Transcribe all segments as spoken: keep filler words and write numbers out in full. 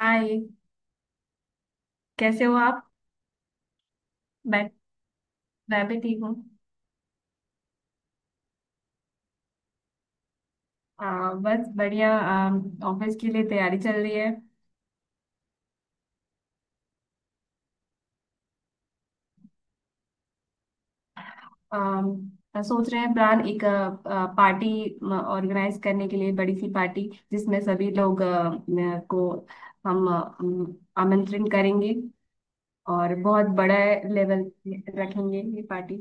हाय। कैसे हो आप। मैं मैं भी ठीक हूँ। आ, बस बढ़िया। ऑफिस के लिए तैयारी चल रही है। आ, सोच रहे हैं प्लान एक पार्टी ऑर्गेनाइज करने के लिए, बड़ी सी पार्टी जिसमें सभी लोग आ, न- को हम आ, अम, आमंत्रण करेंगे और बहुत बड़ा लेवल रखेंगे ये पार्टी।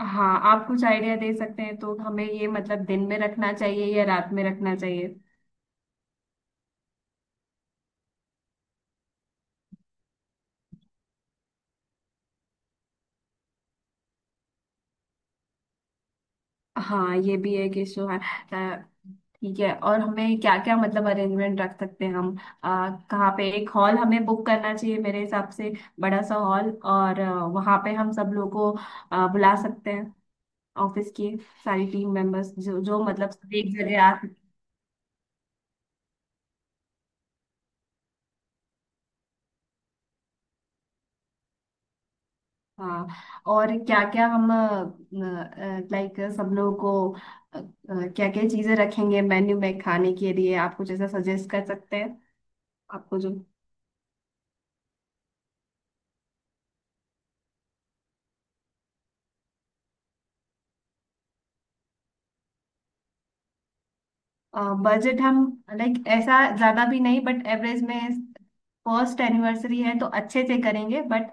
हाँ, आप कुछ आइडिया दे सकते हैं तो हमें ये मतलब दिन में रखना चाहिए या रात में रखना चाहिए। हाँ ये भी है कि शो है। अ, ठीक है, और हमें क्या क्या मतलब अरेंजमेंट रख सकते हैं हम। आ, कहाँ पे एक हॉल हमें बुक करना चाहिए मेरे हिसाब से। बड़ा सा हॉल, और अ, वहाँ पे हम सब लोग को अ, बुला सकते हैं, ऑफिस की सारी टीम मेंबर्स जो जो मतलब सब एक जगह आ सकते। हाँ, और क्या क्या हम, लाइक सब लोगों को क्या क्या चीजें रखेंगे मेन्यू में खाने के लिए, आप कुछ ऐसा सजेस्ट कर सकते हैं आपको जो। बजट हम लाइक ऐसा ज्यादा भी नहीं बट एवरेज में। फर्स्ट एनिवर्सरी है तो अच्छे से करेंगे बट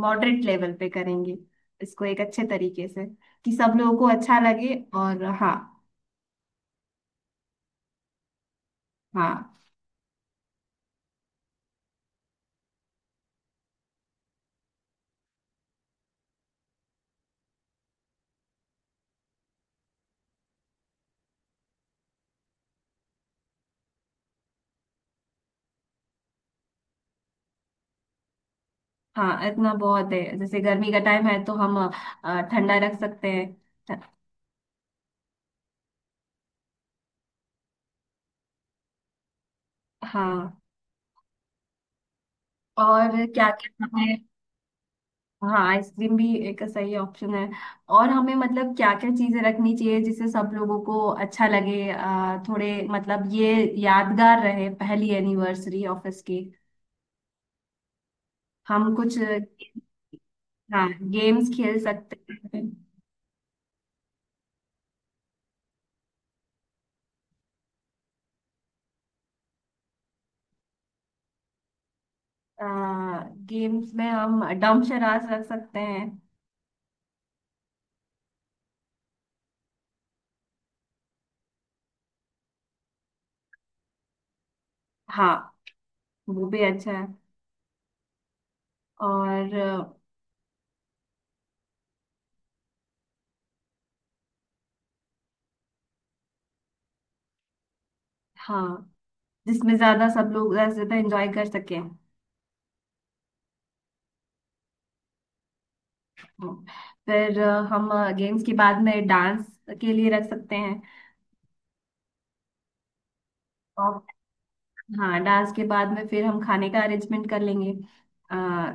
मॉडरेट लेवल पे करेंगे इसको, एक अच्छे तरीके से कि सब लोगों को अच्छा लगे, और हाँ। हाँ। हाँ, इतना बहुत है, जैसे गर्मी का टाइम है तो हम अ, ठंडा रख सकते हैं। हाँ, और क्या क्या। हाँ, आइसक्रीम भी एक सही ऑप्शन है। और हमें मतलब क्या क्या चीजें रखनी चाहिए जिससे सब लोगों को अच्छा लगे, अ, थोड़े मतलब ये यादगार रहे पहली एनिवर्सरी ऑफिस की। हम कुछ हाँ, गेम्स खेल सकते हैं। गेम्स में हम डम शराज रख सकते हैं। हाँ, वो भी अच्छा है। और अ, हाँ, जिसमें ज्यादा सब लोग ज्यादा से ज्यादा एंजॉय कर सकें। हम्म, फिर अ, हम गेम्स के बाद में डांस के लिए रख सकते हैं। और हाँ, डांस के बाद में फिर हम खाने का अरेंजमेंट कर लेंगे। आ,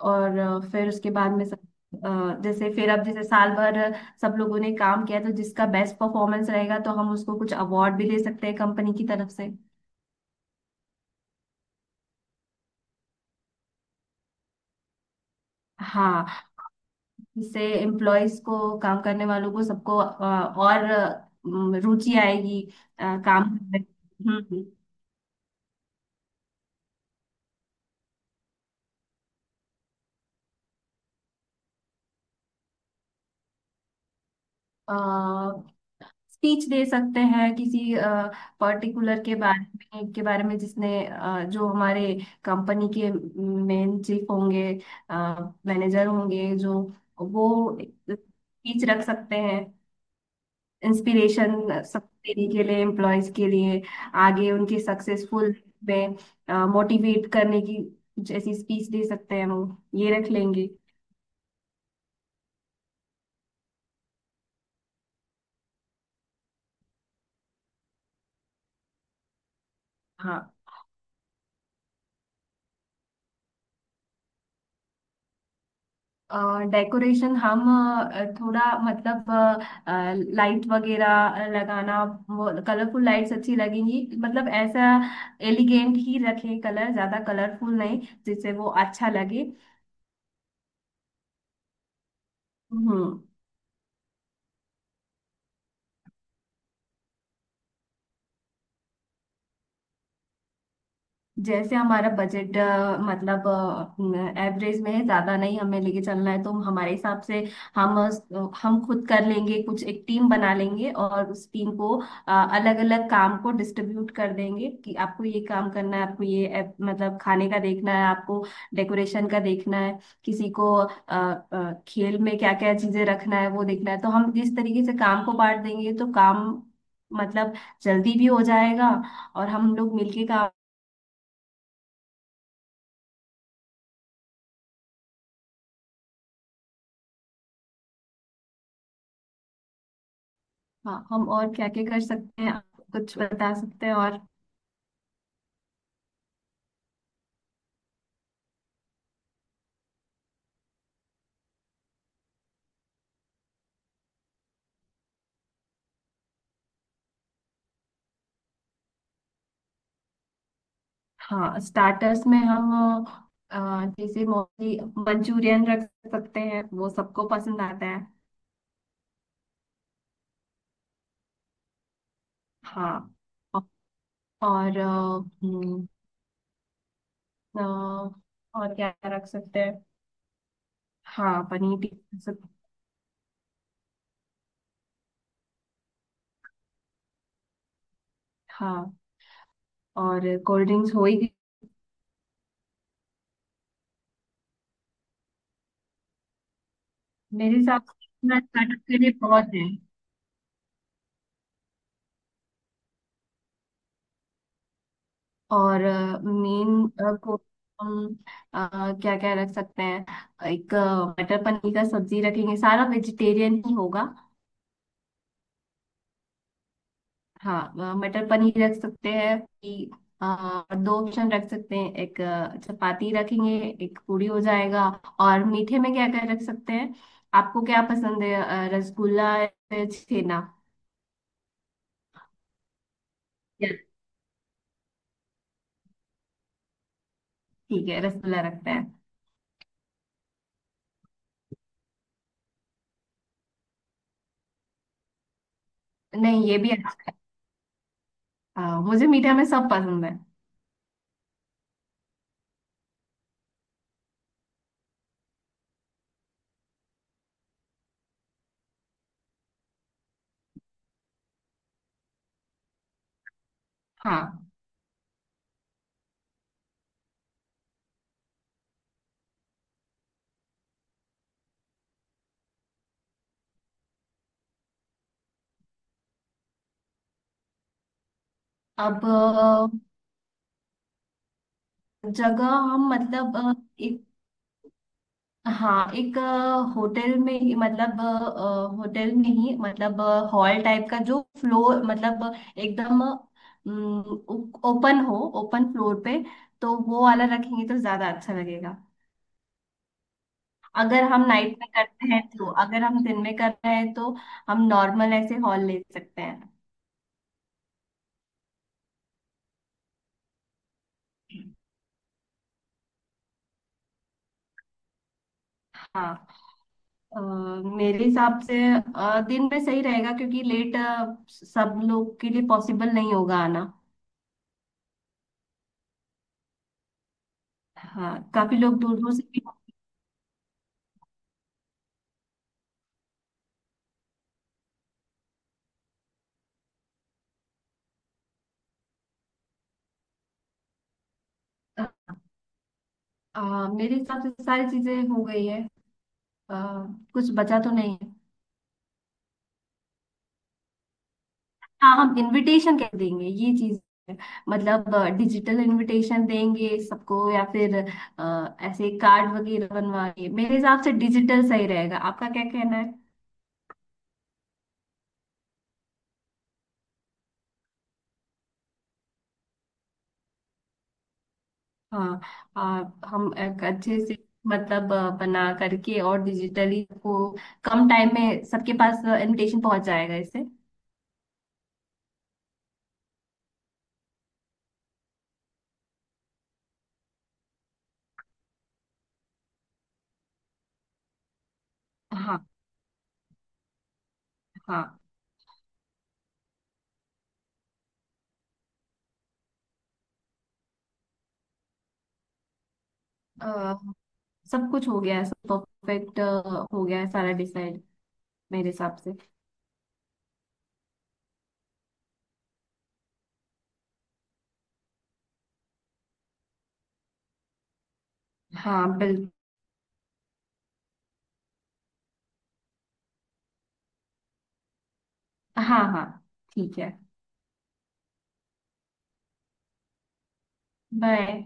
और अ, फिर उसके बाद में सब अ, जैसे फिर अब जैसे साल भर सब लोगों ने काम किया तो जिसका बेस्ट परफॉर्मेंस रहेगा तो हम उसको कुछ अवार्ड भी दे सकते हैं कंपनी की तरफ से। हाँ, इससे एम्प्लॉयज को, काम करने वालों को, सबको अ, और अ, रुचि आएगी अ, काम करने में। हम्म स्पीच दे सकते हैं किसी पर्टिकुलर के बारे में के बारे में जिसने अ, जो हमारे कंपनी के मेन चीफ होंगे, मैनेजर होंगे, जो वो स्पीच रख सकते हैं, इंस्पिरेशन सब देने के लिए एम्प्लॉयज के लिए, आगे उनके सक्सेसफुल में मोटिवेट करने की जैसी स्पीच दे सकते हैं वो, ये रख लेंगे। हाँ। डेकोरेशन हम अ, थोड़ा मतलब लाइट वगैरह लगाना, वो कलरफुल लाइट्स अच्छी लगेंगी, मतलब ऐसा एलिगेंट ही रखें, कलर ज्यादा कलरफुल नहीं जिससे वो अच्छा लगे। हम्म। जैसे हमारा बजट मतलब एवरेज में है, ज्यादा नहीं हमें लेके चलना है, तो हमारे हिसाब से हम अ, हम खुद कर लेंगे, कुछ एक टीम बना लेंगे और उस टीम को अलग अलग काम को डिस्ट्रीब्यूट कर देंगे कि आपको ये काम करना है, आपको ये अ, मतलब खाने का देखना है, आपको डेकोरेशन का देखना है, किसी को अ, अ, खेल में क्या क्या चीजें रखना है वो देखना है, तो हम जिस तरीके से काम को बांट देंगे तो काम मतलब जल्दी भी हो जाएगा और हम लोग मिलके काम। हाँ, हम और क्या क्या कर सकते हैं, आप कुछ बता सकते हैं और। हाँ, स्टार्टर्स में हम अ, जैसे मोस्टली मंचूरियन रख सकते हैं, वो सबको पसंद आता है। हाँ। औ- और अ, हम्म, अ, और क्या रख सकते हैं। हाँ, पनीर टिक्का रख सकते। हाँ, और कोल्ड ड्रिंक्स हो ही गई। मेरे हिसाब से स्टार्टर के लिए बहुत है। और मेन को हम क्या क्या रख सकते हैं, एक अ, मटर पनीर का सब्जी रखेंगे, सारा वेजिटेरियन ही होगा। हाँ, अ, मटर पनीर रख सकते हैं कि, अ, और दो ऑप्शन रख सकते हैं, एक अ, चपाती रखेंगे, एक पूरी हो जाएगा। और मीठे में क्या क्या रख सकते हैं, आपको क्या पसंद है, अ, रसगुल्ला या छेना। या- ठीक है, रसगुल्ला रखते हैं। नहीं, ये भी अच्छा, अ, मुझे मीठे में सब पसंद है। हाँ। अब जगह हम मतलब अ, एक, हाँ एक अ, होटल में ही मतलब अ, अ, होटल में ही मतलब अ, हॉल टाइप का जो फ्लोर, मतलब अ, एकदम अम, ओपन हो, ओपन फ्लोर पे तो वो वाला रखेंगे तो ज्यादा अच्छा लगेगा। अगर हम नाइट में करते हैं तो, अगर हम दिन में कर रहे हैं तो हम नॉर्मल ऐसे हॉल ले सकते हैं। हाँ, अ, मेरे हिसाब से अ, दिन में सही रहेगा क्योंकि लेट सब लोग के लिए पॉसिबल नहीं होगा आना। हाँ, काफी लोग दूर दूर से भी। आ, मेरे हिसाब से तो सारी चीजें हो गई है, आ, कुछ बचा तो नहीं है। हाँ, हम इनविटेशन कह देंगे ये चीज है। मतलब डिजिटल इनविटेशन देंगे सबको, या फिर आ, ऐसे कार्ड वगैरह बनवाएंगे, मेरे हिसाब से डिजिटल सही रहेगा, आपका क्या कहना है। हाँ, आ, हम एक अच्छे से मतलब आ, बना करके और डिजिटली को कम टाइम में सबके पास इनविटेशन पहुंच जाएगा इससे। हाँ। हाँ, सब कुछ हो गया है, सब परफेक्ट हो गया है, सारा डिसाइड मेरे हिसाब से। हाँ, बिल्कुल। हाँ हाँ, ठीक है, बाय।